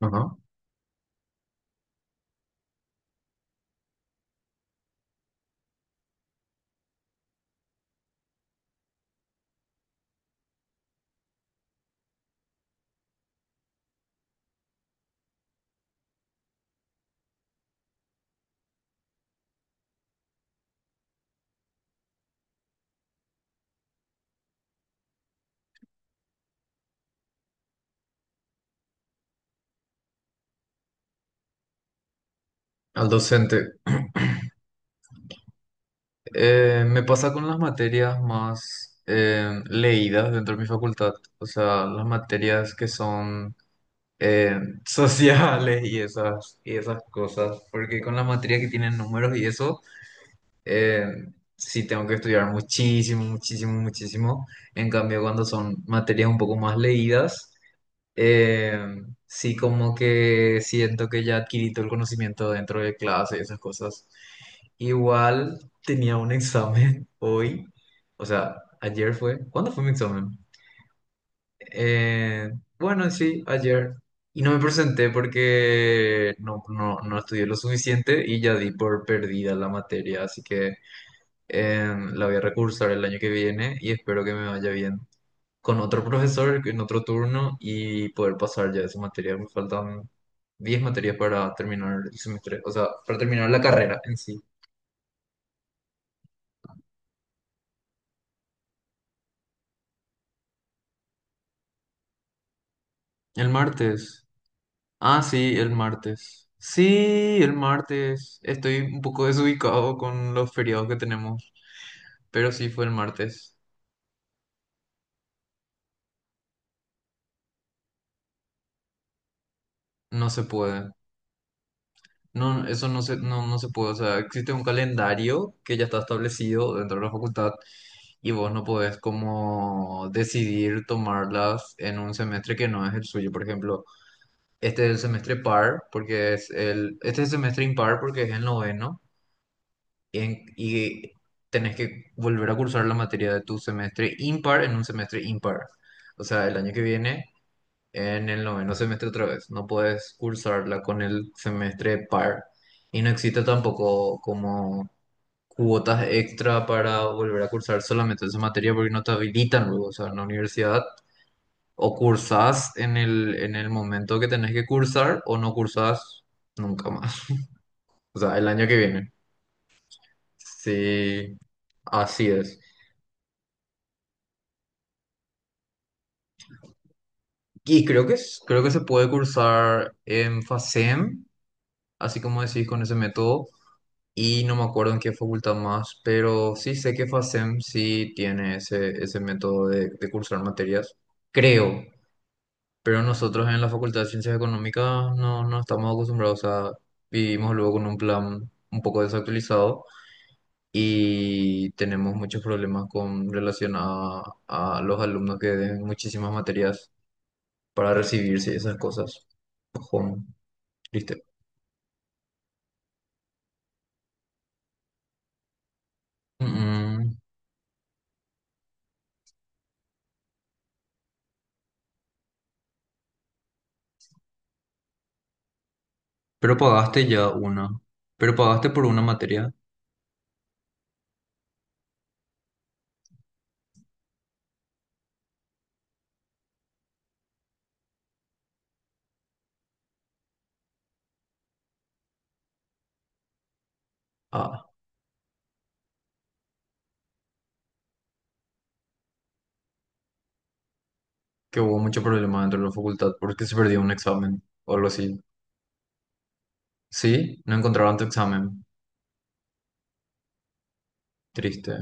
Ajá, al docente. Me pasa con las materias más leídas dentro de mi facultad, o sea, las materias que son eh, sociales y esas cosas, porque con las materias que tienen números y eso... eh, sí tengo que estudiar muchísimo, muchísimo, muchísimo. En cambio, cuando son materias un poco más leídas, eh, sí como que siento que ya adquirí todo el conocimiento dentro de clase y esas cosas. Igual tenía un examen hoy, o sea, ayer fue. ¿Cuándo fue mi examen? Eh, bueno, sí, ayer. Y no me presenté porque no, no estudié lo suficiente y ya di por perdida la materia, así que la voy a recursar el año que viene y espero que me vaya bien con otro profesor en otro turno y poder pasar ya esa materia. Me faltan 10 materias para terminar el semestre, o sea, para terminar la carrera en sí. El martes. Ah, sí, el martes. Sí, el martes. Estoy un poco desubicado con los feriados que tenemos, pero sí fue el martes. No se puede. No, eso no se, no, no se puede. O sea, existe un calendario que ya está establecido dentro de la facultad y vos no podés como decidir tomarlas en un semestre que no es el suyo. Por ejemplo, este es el semestre par, porque es este es el semestre impar porque es el noveno, y, y tenés que volver a cursar la materia de tu semestre impar en un semestre impar. O sea, el año que viene, en el noveno semestre otra vez, no podés cursarla con el semestre par. Y no existe tampoco como cuotas extra para volver a cursar solamente esa materia porque no te habilitan luego, o sea, en la universidad o cursás en el momento que tenés que cursar o no cursás nunca más, o sea, el año que viene. Sí, así es. Y creo que, creo que se puede cursar en FASEM, así como decís con ese método, y no me acuerdo en qué facultad más, pero sí sé que FASEM sí tiene ese, ese método de cursar materias. Creo. Pero nosotros en la Facultad de Ciencias Económicas no, no estamos acostumbrados, a vivimos luego con un plan un poco desactualizado y tenemos muchos problemas con relación a los alumnos que den muchísimas materias para recibirse y esas cosas. Ojón, triste. Mm. Pero pagaste ya una. Pero pagaste por una materia. Ah, que hubo mucho problema dentro de la facultad porque se perdió un examen o algo así. ¿Sí? No encontraron tu examen. Triste.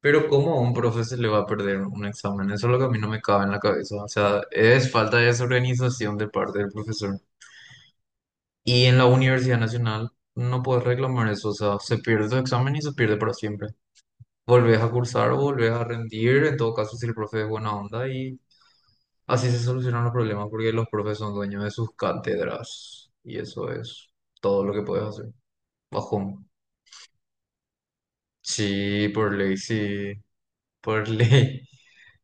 Pero ¿cómo a un profe se le va a perder un examen? Eso es lo que a mí no me cabe en la cabeza. O sea, es falta de desorganización de parte del profesor. Y en la Universidad Nacional no puedes reclamar eso. O sea, se pierde tu examen y se pierde para siempre. Volvés a cursar, o volvés a rendir, en todo caso si el profe es buena onda y así se solucionan los problemas porque los profes son dueños de sus cátedras. Y eso es todo lo que puedes hacer. Bajón. Sí, por ley, sí, por ley.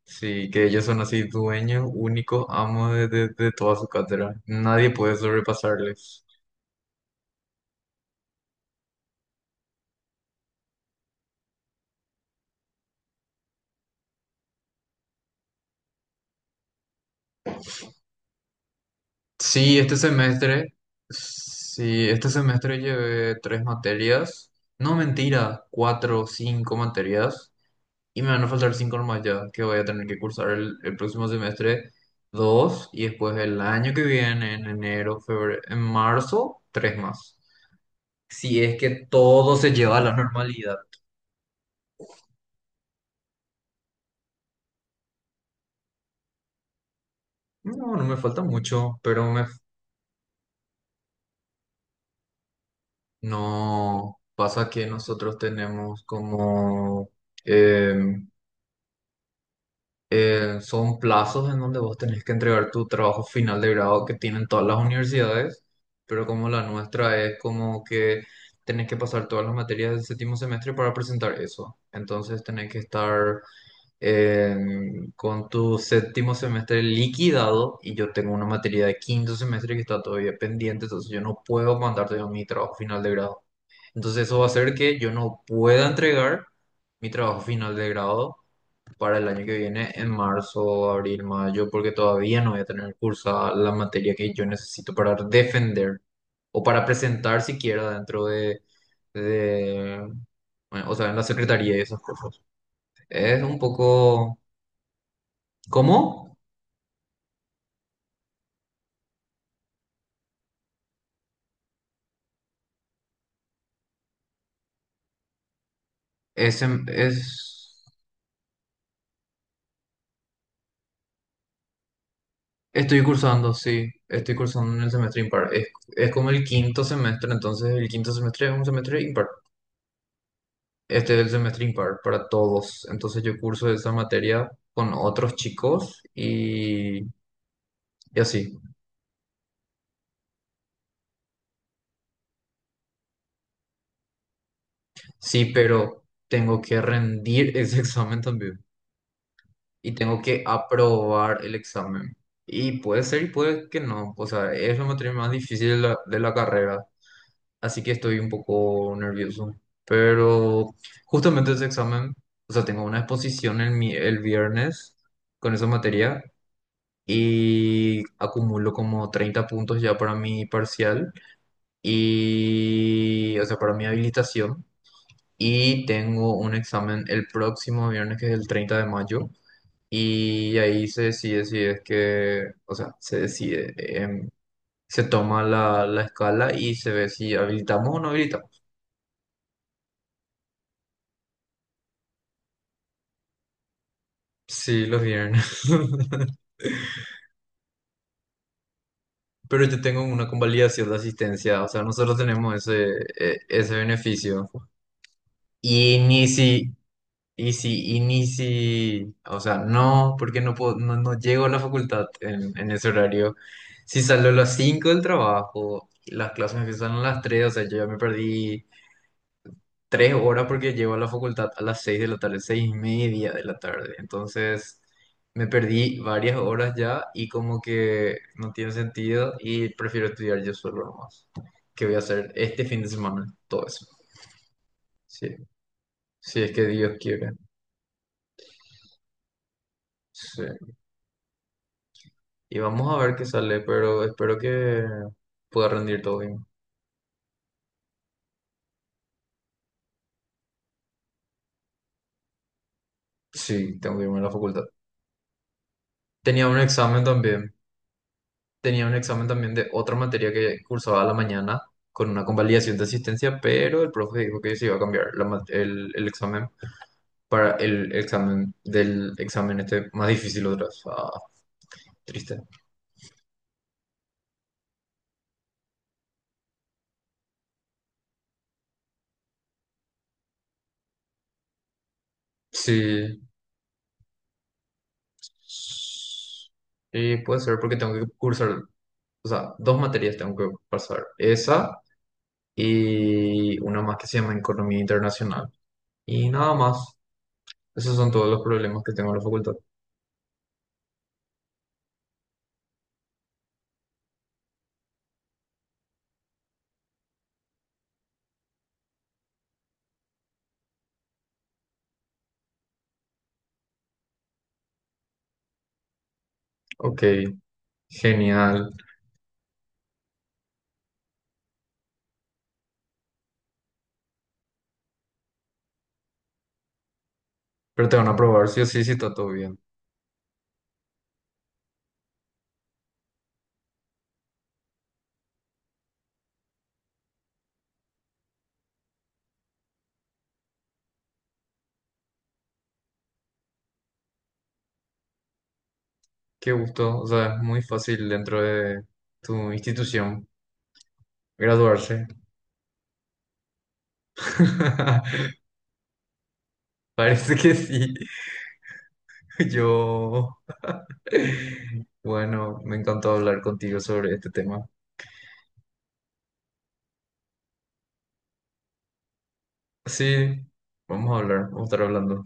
Sí, que ellos son así dueños, únicos amos de, de toda su cátedra. Nadie puede sobrepasarles. Sí, este semestre, sí, este semestre llevé tres materias. No, mentira, cuatro, cinco materias. Y me van a faltar cinco nomás ya, que voy a tener que cursar el próximo semestre dos y después el año que viene, en enero, febrero, en marzo, tres más. Si es que todo se lleva a la normalidad. No, no me falta mucho, pero me... No, pasa que nosotros tenemos como, em, son plazos en donde vos tenés que entregar tu trabajo final de grado que tienen todas las universidades, pero como la nuestra es como que tenés que pasar todas las materias del séptimo semestre para presentar eso. Entonces tenés que estar con tu séptimo semestre liquidado y yo tengo una materia de quinto semestre que está todavía pendiente, entonces yo no puedo mandarte mi trabajo final de grado. Entonces eso va a hacer que yo no pueda entregar mi trabajo final de grado para el año que viene en marzo, abril, mayo, porque todavía no voy a tener cursada la materia que yo necesito para defender o para presentar siquiera dentro de bueno, o sea, en la secretaría y esas cosas. Es un poco... ¿Cómo? Es, en- es, estoy cursando, sí, estoy cursando en el semestre impar. Es como el quinto semestre, entonces el quinto semestre es un semestre impar. Este es el semestre impar para todos. Entonces yo curso esa materia con otros chicos y así. Sí, pero tengo que rendir ese examen también. Y tengo que aprobar el examen. Y puede ser y puede que no. O sea, es la materia más difícil de de la carrera. Así que estoy un poco nervioso. Pero justamente ese examen, o sea, tengo una exposición el viernes con esa materia. Y acumulo como 30 puntos ya para mi parcial y, o sea, para mi habilitación. Y tengo un examen el próximo viernes, que es el 30 de mayo. Y ahí se decide si es que, o sea, se decide, se toma la escala y se ve si habilitamos o no habilitamos. Sí, los viernes. Pero yo tengo una convalidación de asistencia, o sea, nosotros tenemos ese, ese beneficio. Y ni si... o sea, no, porque no puedo, no, no llego a la facultad en ese horario. Si salgo a las 5 del trabajo, las clases empiezan a las 3, o sea, yo ya me perdí 3 horas porque llego a la facultad a las 6 de la tarde, 6 y media de la tarde. Entonces, me perdí varias horas ya y como que no tiene sentido y prefiero estudiar yo solo nomás. Qué voy a hacer este fin de semana, todo eso. Sí, si es que Dios quiere. Sí. Y vamos a ver qué sale, pero espero que pueda rendir todo bien. Sí, tengo que irme a la facultad. Tenía un examen también. Tenía un examen también de otra materia que cursaba a la mañana con una convalidación de asistencia, pero el profe dijo que se iba a cambiar el examen para el examen del examen este más difícil otra vez. Ah, triste. Sí. Y puede ser porque tengo que cursar, o sea, dos materias tengo que pasar. Esa. Y una más que se llama Economía Internacional. Y nada más. Esos son todos los problemas que tengo en la facultad. Ok, genial. Pero te van a aprobar sí o sí si está todo bien. Qué gusto. O sea, es muy fácil dentro de tu institución graduarse. Parece que sí. Yo. Bueno, me encantó hablar contigo sobre este tema. Sí, vamos a hablar, vamos a estar hablando.